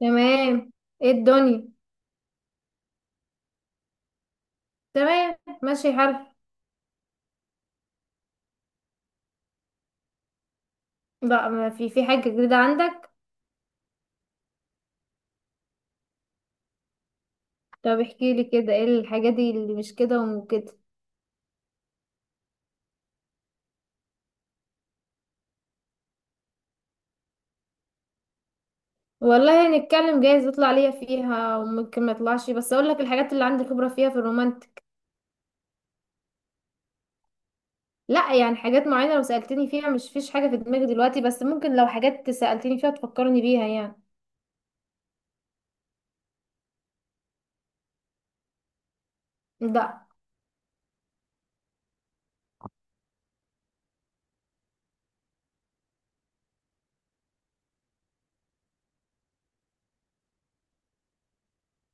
تمام. ايه الدنيا؟ تمام. ماشي الحال. بقى، ما في حاجة جديدة عندك؟ طب احكي لي كده، ايه الحاجة دي اللي مش كده وكده؟ والله هنتكلم، جايز يطلع ليا فيها وممكن ما يطلعش، بس اقول لك الحاجات اللي عندي خبرة فيها في الرومانتك. لا، يعني حاجات معينة لو سألتني فيها مش فيش حاجة في دماغي دلوقتي، بس ممكن لو حاجات سألتني فيها تفكرني بيها يعني. لا.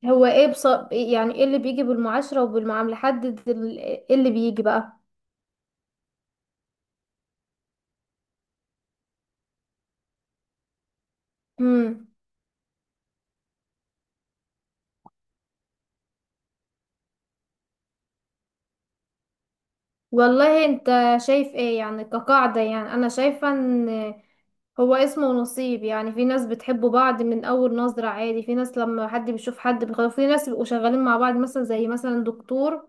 هو ايه؟ بص، يعني ايه اللي بيجي بالمعاشرة وبالمعاملة؟ حدد ايه اللي بيجي. بقى. والله انت شايف ايه يعني كقاعدة؟ يعني انا شايفة ان هو اسمه نصيب. يعني في ناس بتحب بعض من اول نظرة عادي، في ناس لما حد بيشوف حد بيخاف، في ناس بيبقوا شغالين مع بعض مثلا، زي مثلا دكتور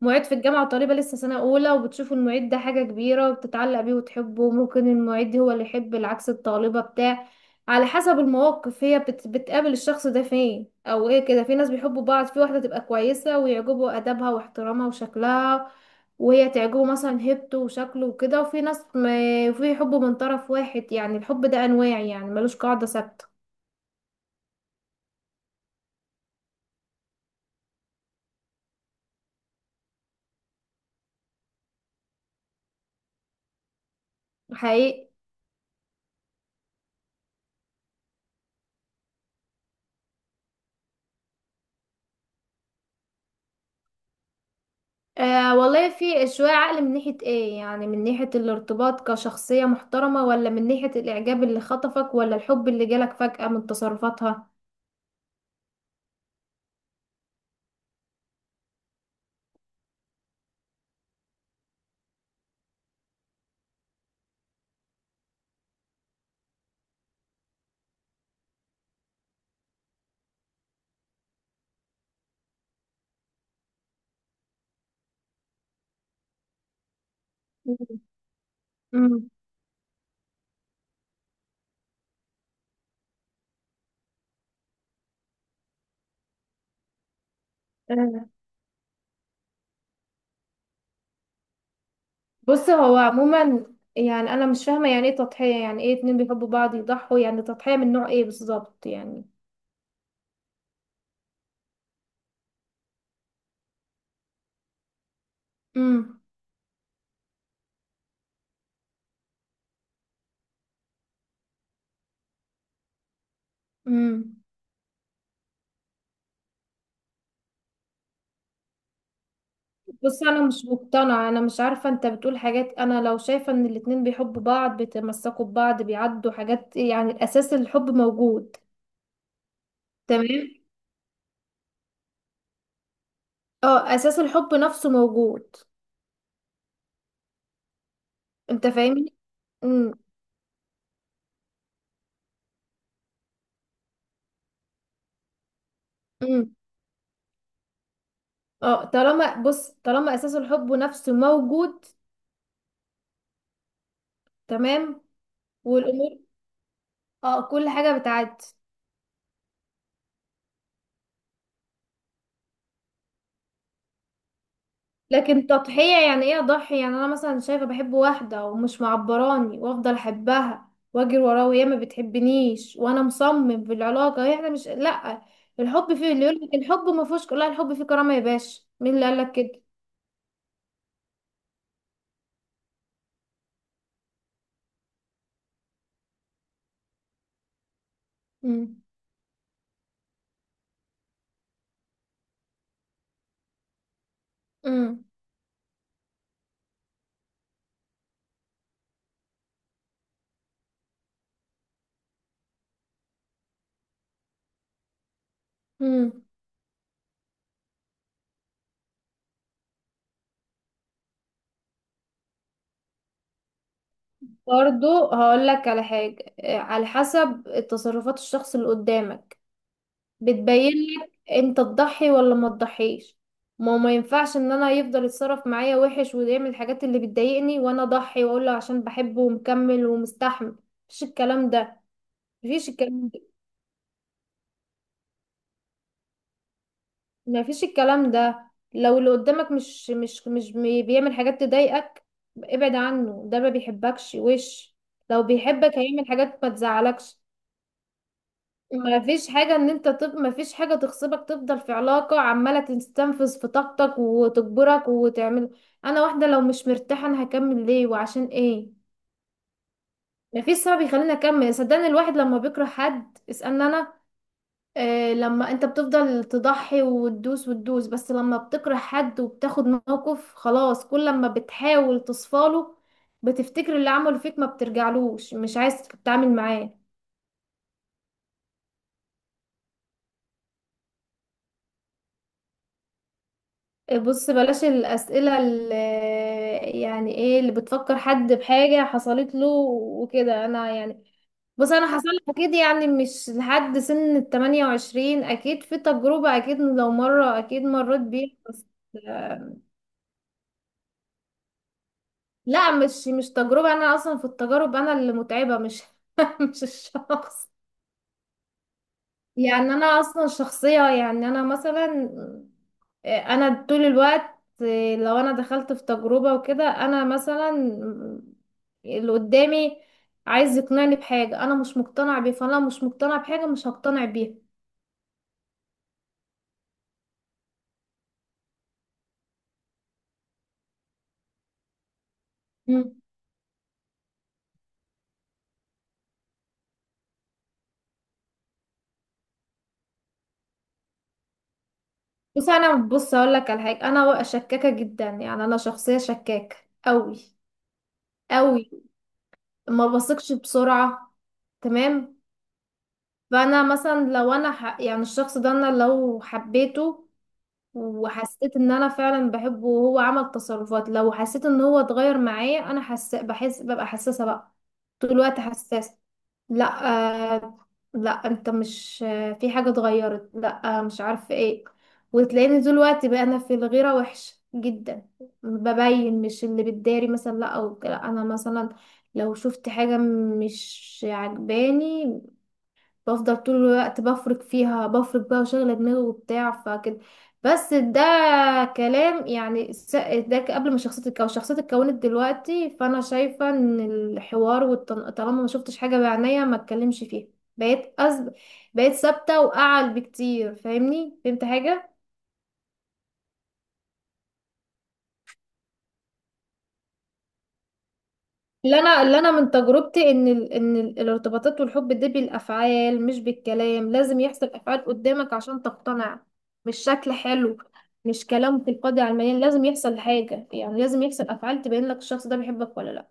معيد في الجامعة وطالبة لسه سنة أولى وبتشوفوا المعيد ده حاجة كبيرة وبتتعلق بيه وتحبه، ممكن المعيد هو اللي يحب العكس الطالبة بتاع. على حسب المواقف هي بتقابل الشخص ده فين أو ايه كده. في ناس بيحبوا بعض، في واحدة تبقى كويسة ويعجبوا أدبها واحترامها وشكلها، وهي تعجبه مثلا هيبته وشكله وكده، وفي ناس ما... في حب من طرف واحد. يعني الحب ده أنواع، يعني ملوش قاعدة ثابتة. حقيقي. آه والله، في شوية عقل من ناحية ايه؟ يعني من ناحية الارتباط كشخصية محترمة، ولا من ناحية الإعجاب اللي خطفك، ولا الحب اللي جالك فجأة من تصرفاتها؟ مم. امم. آه. بص، هو عموما يعني أنا مش فاهمة يعني ايه تضحية. يعني ايه اتنين بيحبوا بعض يضحوا؟ يعني تضحية من نوع ايه بالظبط يعني؟ امم. امم. بص، أنا مش مقتنعة، أنا مش عارفة، أنت بتقول حاجات. أنا لو شايفة إن الاتنين بيحبوا بعض بيتمسكوا ببعض بيعدوا حاجات، يعني الأساس الحب موجود. تمام. اه، اساس الحب نفسه موجود. انت فاهمني؟ امم. امم. اه، طالما بص، طالما اساس الحب نفسه موجود. تمام. والامور، اه، كل حاجه بتعدي. لكن تضحيه يعني ايه اضحي؟ يعني انا مثلا شايفه بحب واحده ومش معبراني وافضل احبها واجري وراها وهي ما بتحبنيش وانا مصمم في العلاقه، هي احنا مش، لا. الحب فيه، اللي يقول لك الحب ما فيهوش لا، الحب فيه كرامه يا باشا، مين اللي قال لك كده؟ امم. امم. امم. برضو هقول لك على حاجة، على حسب تصرفات الشخص اللي قدامك بتبين لك انت تضحي ولا ما تضحيش. ما ينفعش ان انا يفضل يتصرف معايا وحش ويعمل الحاجات اللي بتضايقني وانا اضحي واقول له عشان بحبه ومكمل ومستحمل. مفيش الكلام ده. مفيش الكلام ده. مفيش الكلام ده. لو اللي قدامك مش بيعمل حاجات تضايقك، ابعد عنه، ده ما بيحبكش وش. لو بيحبك هيعمل حاجات ما تزعلكش. ما فيش حاجة ان انت ما فيش حاجة تغصبك تفضل في علاقة عمالة تستنفذ في طاقتك وتجبرك وتعمل. انا واحدة لو مش مرتاحة انا هكمل ليه وعشان ايه؟ ما فيش سبب يخليني اكمل. صدقني الواحد لما بيكره حد اسألني انا. آه، لما انت بتفضل تضحي وتدوس وتدوس، بس لما بتكره حد وبتاخد موقف خلاص، كل لما بتحاول تصفاله بتفتكر اللي عمله فيك، ما بترجعلوش، مش عايز تتعامل معاه. بص، بلاش الأسئلة اللي يعني ايه اللي بتفكر حد بحاجة حصلت له وكده انا يعني. بص، انا حصل لي اكيد، يعني مش لحد سن الـ28 اكيد في تجربة، اكيد لو مرة اكيد مريت بيها بس. لا، مش تجربة، انا اصلا في التجارب انا اللي متعبة، مش مش الشخص. يعني انا اصلا شخصية، يعني انا مثلا، انا طول الوقت لو انا دخلت في تجربة وكده، انا مثلا اللي قدامي عايز يقنعني بحاجة انا مش مقتنع بيه، فانا لو مش مقتنع بحاجة مش هقتنع بيها. مم. بس انا، بص اقول لك على حاجة، انا شكاكة جدا، يعني انا شخصية شكاكة قوي قوي. ما بثقش بسرعة. تمام. فانا مثلا لو انا يعني الشخص ده انا لو حبيته وحسيت ان انا فعلا بحبه وهو عمل تصرفات، لو حسيت ان هو اتغير معايا انا بحس، ببقى حساسة بقى. طول الوقت حساسة. لا. آه... لا انت مش، في حاجة اتغيرت، لا، مش عارفة ايه. وتلاقيني طول الوقت بقى انا في الغيرة وحشة جدا. ببين، مش اللي بتداري مثلا، لا. او لا انا مثلا لو شفت حاجة مش عجباني بفضل طول الوقت بفرك فيها، بفرك بقى وشغلة دماغي وبتاع فكده. بس ده كلام يعني، ده قبل ما شخصيتي تتكون. شخصيتي اتكونت دلوقتي، فانا شايفة ان الحوار طالما ما شفتش حاجة بعينيا ما اتكلمش فيها. بقيت أز... بقيت ثابتة واعل بكتير. فاهمني؟ فهمت حاجة؟ اللي انا من تجربتي ان ان الارتباطات والحب ده بالافعال مش بالكلام، لازم يحصل افعال قدامك عشان تقتنع. مش شكل حلو، مش كلام تلقائي على المليان، لازم يحصل حاجه يعني، لازم يحصل افعال تبين لك الشخص ده بيحبك ولا لا.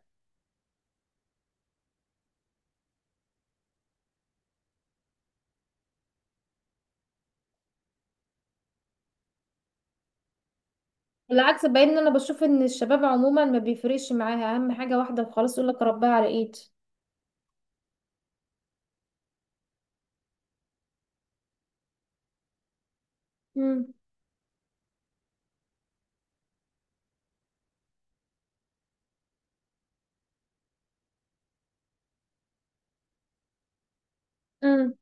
بالعكس، باين ان انا بشوف ان الشباب عموما ما بيفرقش معاها اهم حاجه، واحده وخلاص، يقول لك ربها على ايدي. امم. امم.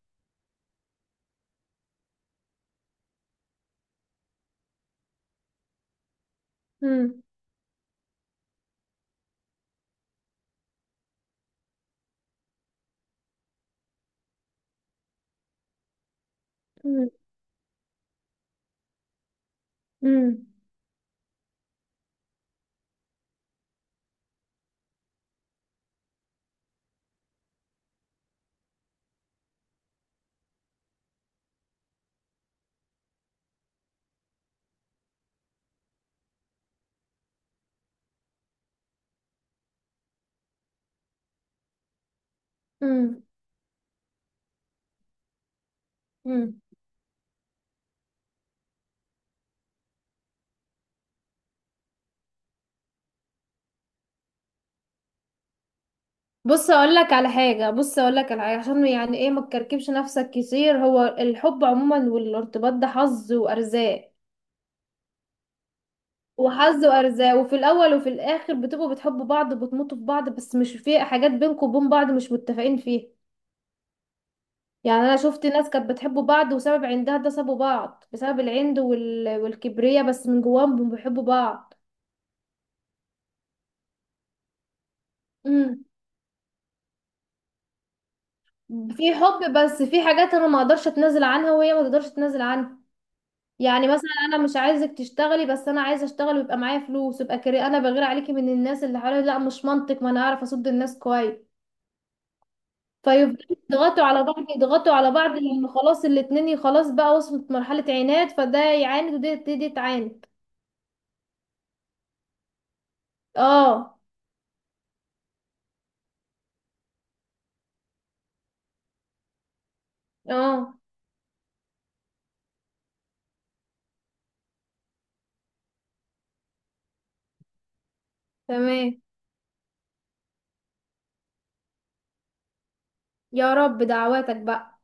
امم. امم. امم. بص اقول لك على حاجه، بص اقول لك على حاجه، عشان يعني ايه ما تكركبش نفسك كتير. هو الحب عموما والارتباط ده حظ وارزاق، وحظ وارزاق، وفي الاول وفي الاخر بتبقوا بتحبوا بعض وبتموتوا في بعض، بس مش في حاجات بينكم وبين بعض مش متفقين فيها. يعني انا شفت ناس كانت بتحب بعض وسبب عندها ده سابوا بعض بسبب العند والكبرياء، بس من جواهم بيحبوا بعض. امم. في حب، بس في حاجات انا ما اقدرش اتنازل عنها وهي ما تقدرش تتنازل عنها. يعني مثلا انا مش عايزك تشتغلي، بس انا عايزه اشتغل ويبقى معايا فلوس، يبقى كري، انا بغير عليكي من الناس اللي حواليا، لا مش منطق، ما انا اعرف اصد الناس كويس. فيفضلوا يضغطوا على بعض، يضغطوا على بعض، لان خلاص الاتنين خلاص بقى وصلت مرحله عناد، فده يعاند ودي دي تعاند. اه اه تمام. يا رب دعواتك بقى.